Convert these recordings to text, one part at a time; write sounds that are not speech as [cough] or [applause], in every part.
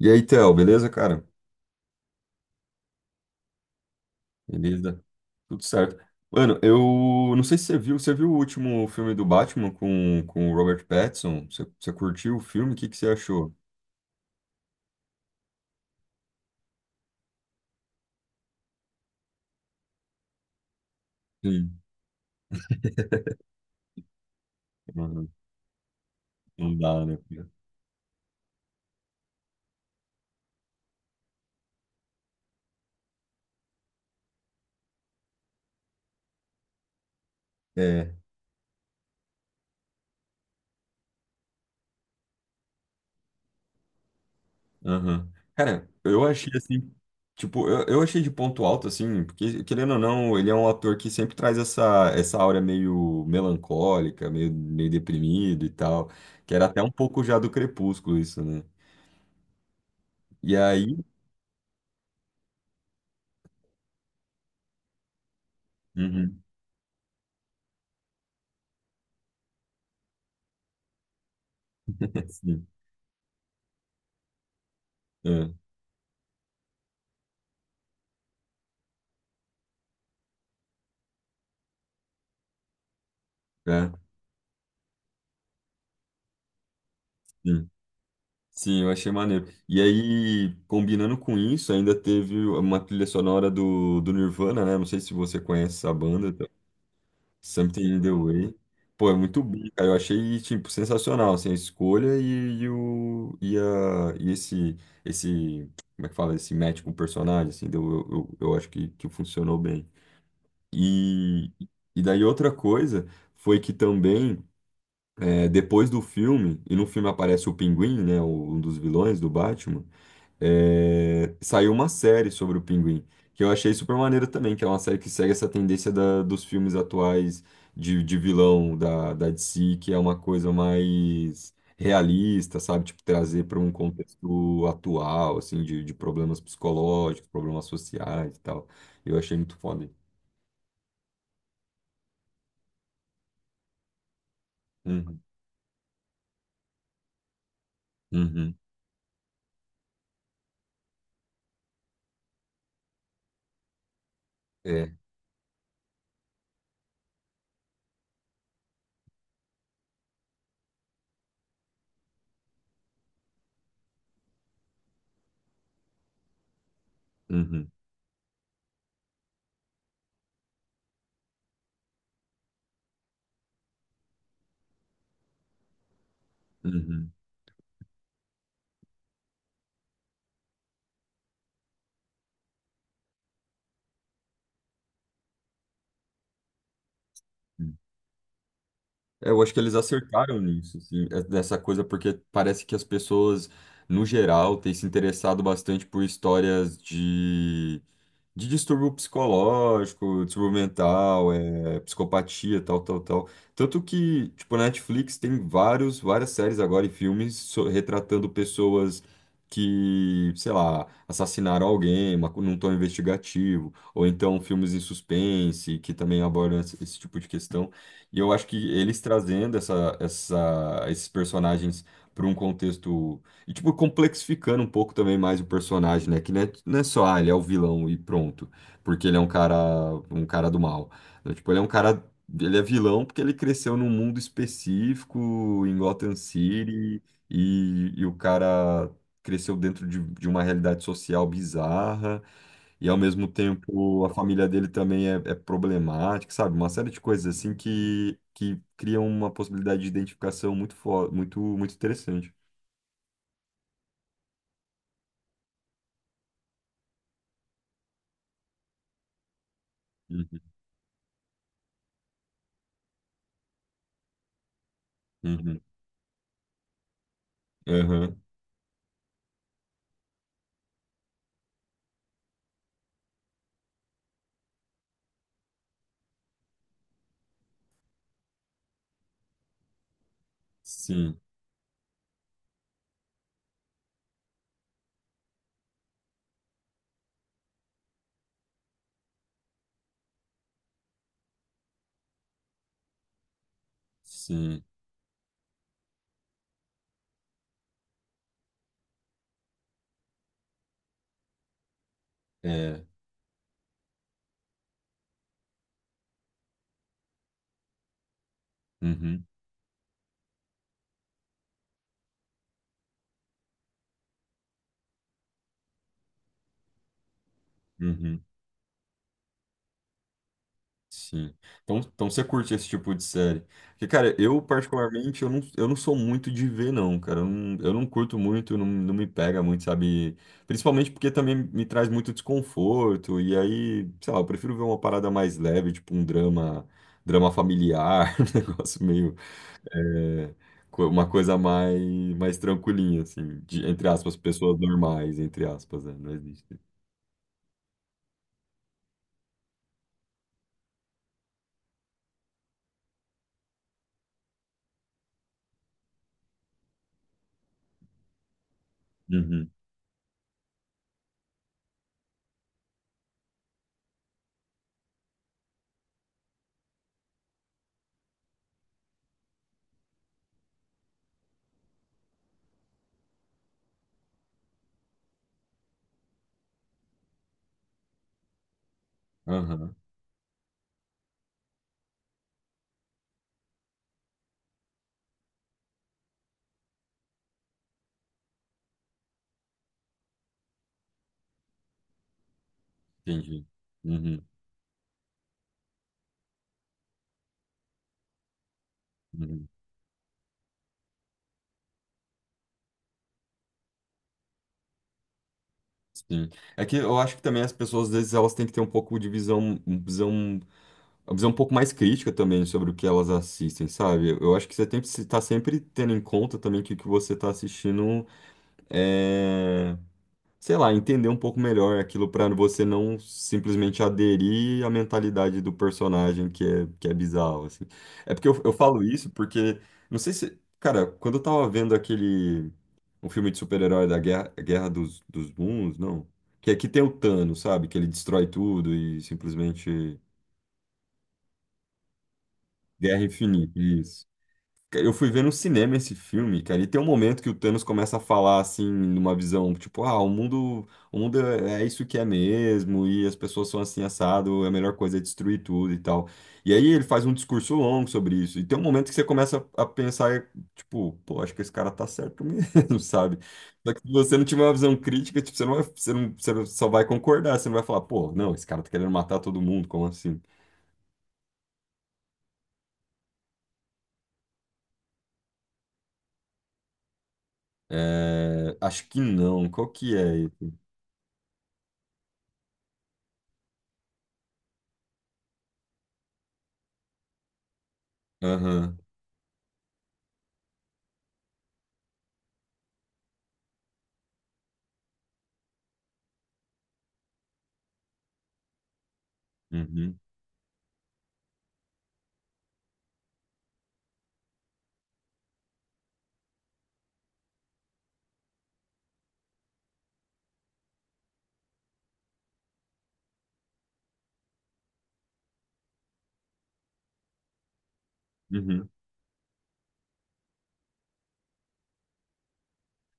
E aí, Theo, beleza, cara? Beleza. Tudo certo. Mano, eu não sei se você viu o último filme do Batman com o Robert Pattinson? Você curtiu o filme? O que, que você achou? Sim. [laughs] Mano, não dá, né, cara? É. Aham. Cara, eu achei assim, tipo, eu achei de ponto alto, assim, porque, querendo ou não, ele é um ator que sempre traz essa aura meio melancólica, meio deprimido e tal, que era até um pouco já do Crepúsculo isso, né? E aí. Uhum. Sim, é, é, sim. Sim, eu achei maneiro. E aí, combinando com isso, ainda teve uma trilha sonora do Nirvana, né? Não sei se você conhece essa banda, tá? Something in the Way. Pô, é muito bom, cara. Eu achei, tipo, sensacional, assim, a escolha e esse, como é que fala? Esse match com o personagem, assim, deu, eu acho que funcionou bem. E, e daí outra coisa foi que também... É, depois do filme, e no filme aparece o Pinguim, né, o- um dos vilões do Batman, é, saiu uma série sobre o Pinguim, que eu achei super maneiro também, que é uma série que segue essa tendência dos filmes atuais de vilão da DC, que é uma coisa mais realista, sabe? Tipo, trazer para um contexto atual, assim, de problemas psicológicos, problemas sociais e tal. Eu achei muito foda. Uhum, uhum, é, uhum, uhum. Uhum. É, eu acho que eles acertaram nisso, assim, é- dessa coisa, porque parece que as pessoas, no geral, têm se interessado bastante por histórias de distúrbio psicológico, distúrbio mental, é, psicopatia, tal, tal, tal. Tanto que, tipo, na Netflix tem vários, várias séries agora e filmes retratando pessoas que, sei lá, assassinaram alguém, mas num tom investigativo, ou então filmes em suspense, que também abordam esse tipo de questão. E eu acho que eles trazendo esses personagens para um contexto. E, tipo, complexificando um pouco também mais o personagem, né? Que não é, não é só, ah, ele é o vilão e pronto. Porque ele é um cara do mal. Não, tipo, ele é um cara. Ele é vilão porque ele cresceu num mundo específico, em Gotham City, e o cara cresceu dentro de uma realidade social bizarra, e ao mesmo tempo a família dele também é problemática, sabe? Uma série de coisas assim que, criam uma possibilidade de identificação muito, muito interessante. Uhum. Uhum. Aham, sim, sim, é, uhum, uhum, sim. Então você curte esse tipo de série? Porque, cara, eu particularmente, eu não sou muito de ver, não, cara, eu não curto muito, não, não me pega muito, sabe? Principalmente porque também me traz muito desconforto, e aí, sei lá, eu prefiro ver uma parada mais leve, tipo um drama, drama familiar, [laughs] um negócio meio, é, uma coisa mais tranquilinha, assim, de, entre aspas, pessoas normais, entre aspas, né? Não existe. Uhum. Aham, entendi. Uhum, uhum, sim. É que eu acho que também as pessoas, às vezes, elas têm que ter um pouco de uma visão um pouco mais crítica também sobre o que elas assistem, sabe? Eu acho que você tem que estar sempre tendo em conta também que o que você está assistindo é, sei lá, entender um pouco melhor aquilo pra você não simplesmente aderir à mentalidade do personagem que é bizarro, assim. É porque eu falo isso porque, não sei se, cara, quando eu tava vendo aquele, um filme de super-herói da Guerra dos Mundos, não, que aqui tem o Thanos, sabe, que ele destrói tudo e simplesmente guerra infinita, isso. Cara, eu fui ver no cinema esse filme, cara, e tem um momento que o Thanos começa a falar assim, numa visão, tipo, ah, o mundo é isso que é mesmo, e as pessoas são assim assado, é a melhor coisa é destruir tudo e tal. E aí ele faz um discurso longo sobre isso. E tem um momento que você começa a pensar, tipo, pô, acho que esse cara tá certo mesmo, [laughs] sabe? Só que se você não tiver uma visão crítica, tipo, você não vai, você não- só vai concordar, você não vai falar, pô, não, esse cara tá querendo matar todo mundo, como assim? É, acho que não. Qual que é? Aham. Uhum. Uhum,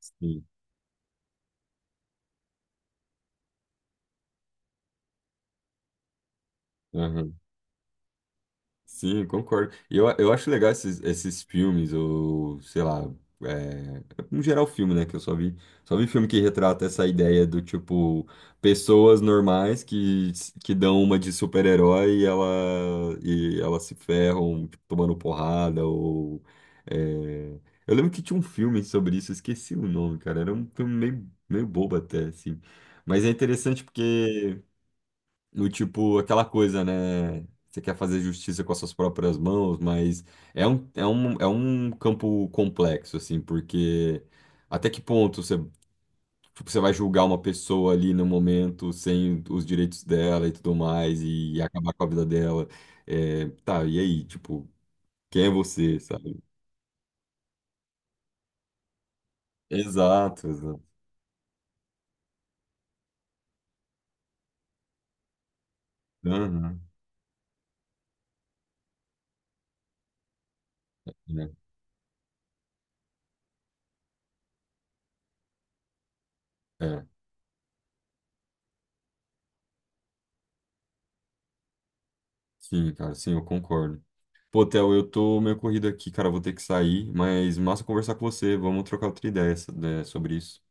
sim, aham. Sim, concordo. E eu acho legal esses filmes, ou sei lá, é, no geral filme, né? Que eu só vi filme que retrata essa ideia do tipo, pessoas normais que, dão uma de super-herói e elas se ferram, tipo, tomando porrada, ou. É, eu lembro que tinha um filme sobre isso, eu esqueci o nome, cara. Era um filme meio, meio bobo até, assim. Mas é interessante porque. Do tipo, aquela coisa, né? Você quer fazer justiça com as suas próprias mãos, mas é um campo complexo, assim, porque até que ponto você, tipo, você vai julgar uma pessoa ali no momento sem os direitos dela e tudo mais, e, acabar com a vida dela? É, tá, e aí, tipo, quem é você, sabe? Exato, exato. Aham, né? É. Sim, cara, sim, eu concordo. Pô, Theo, eu tô meio corrido aqui, cara, vou ter que sair, mas massa conversar com você. Vamos trocar outra ideia né, sobre isso.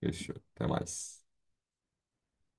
Fechou, até mais.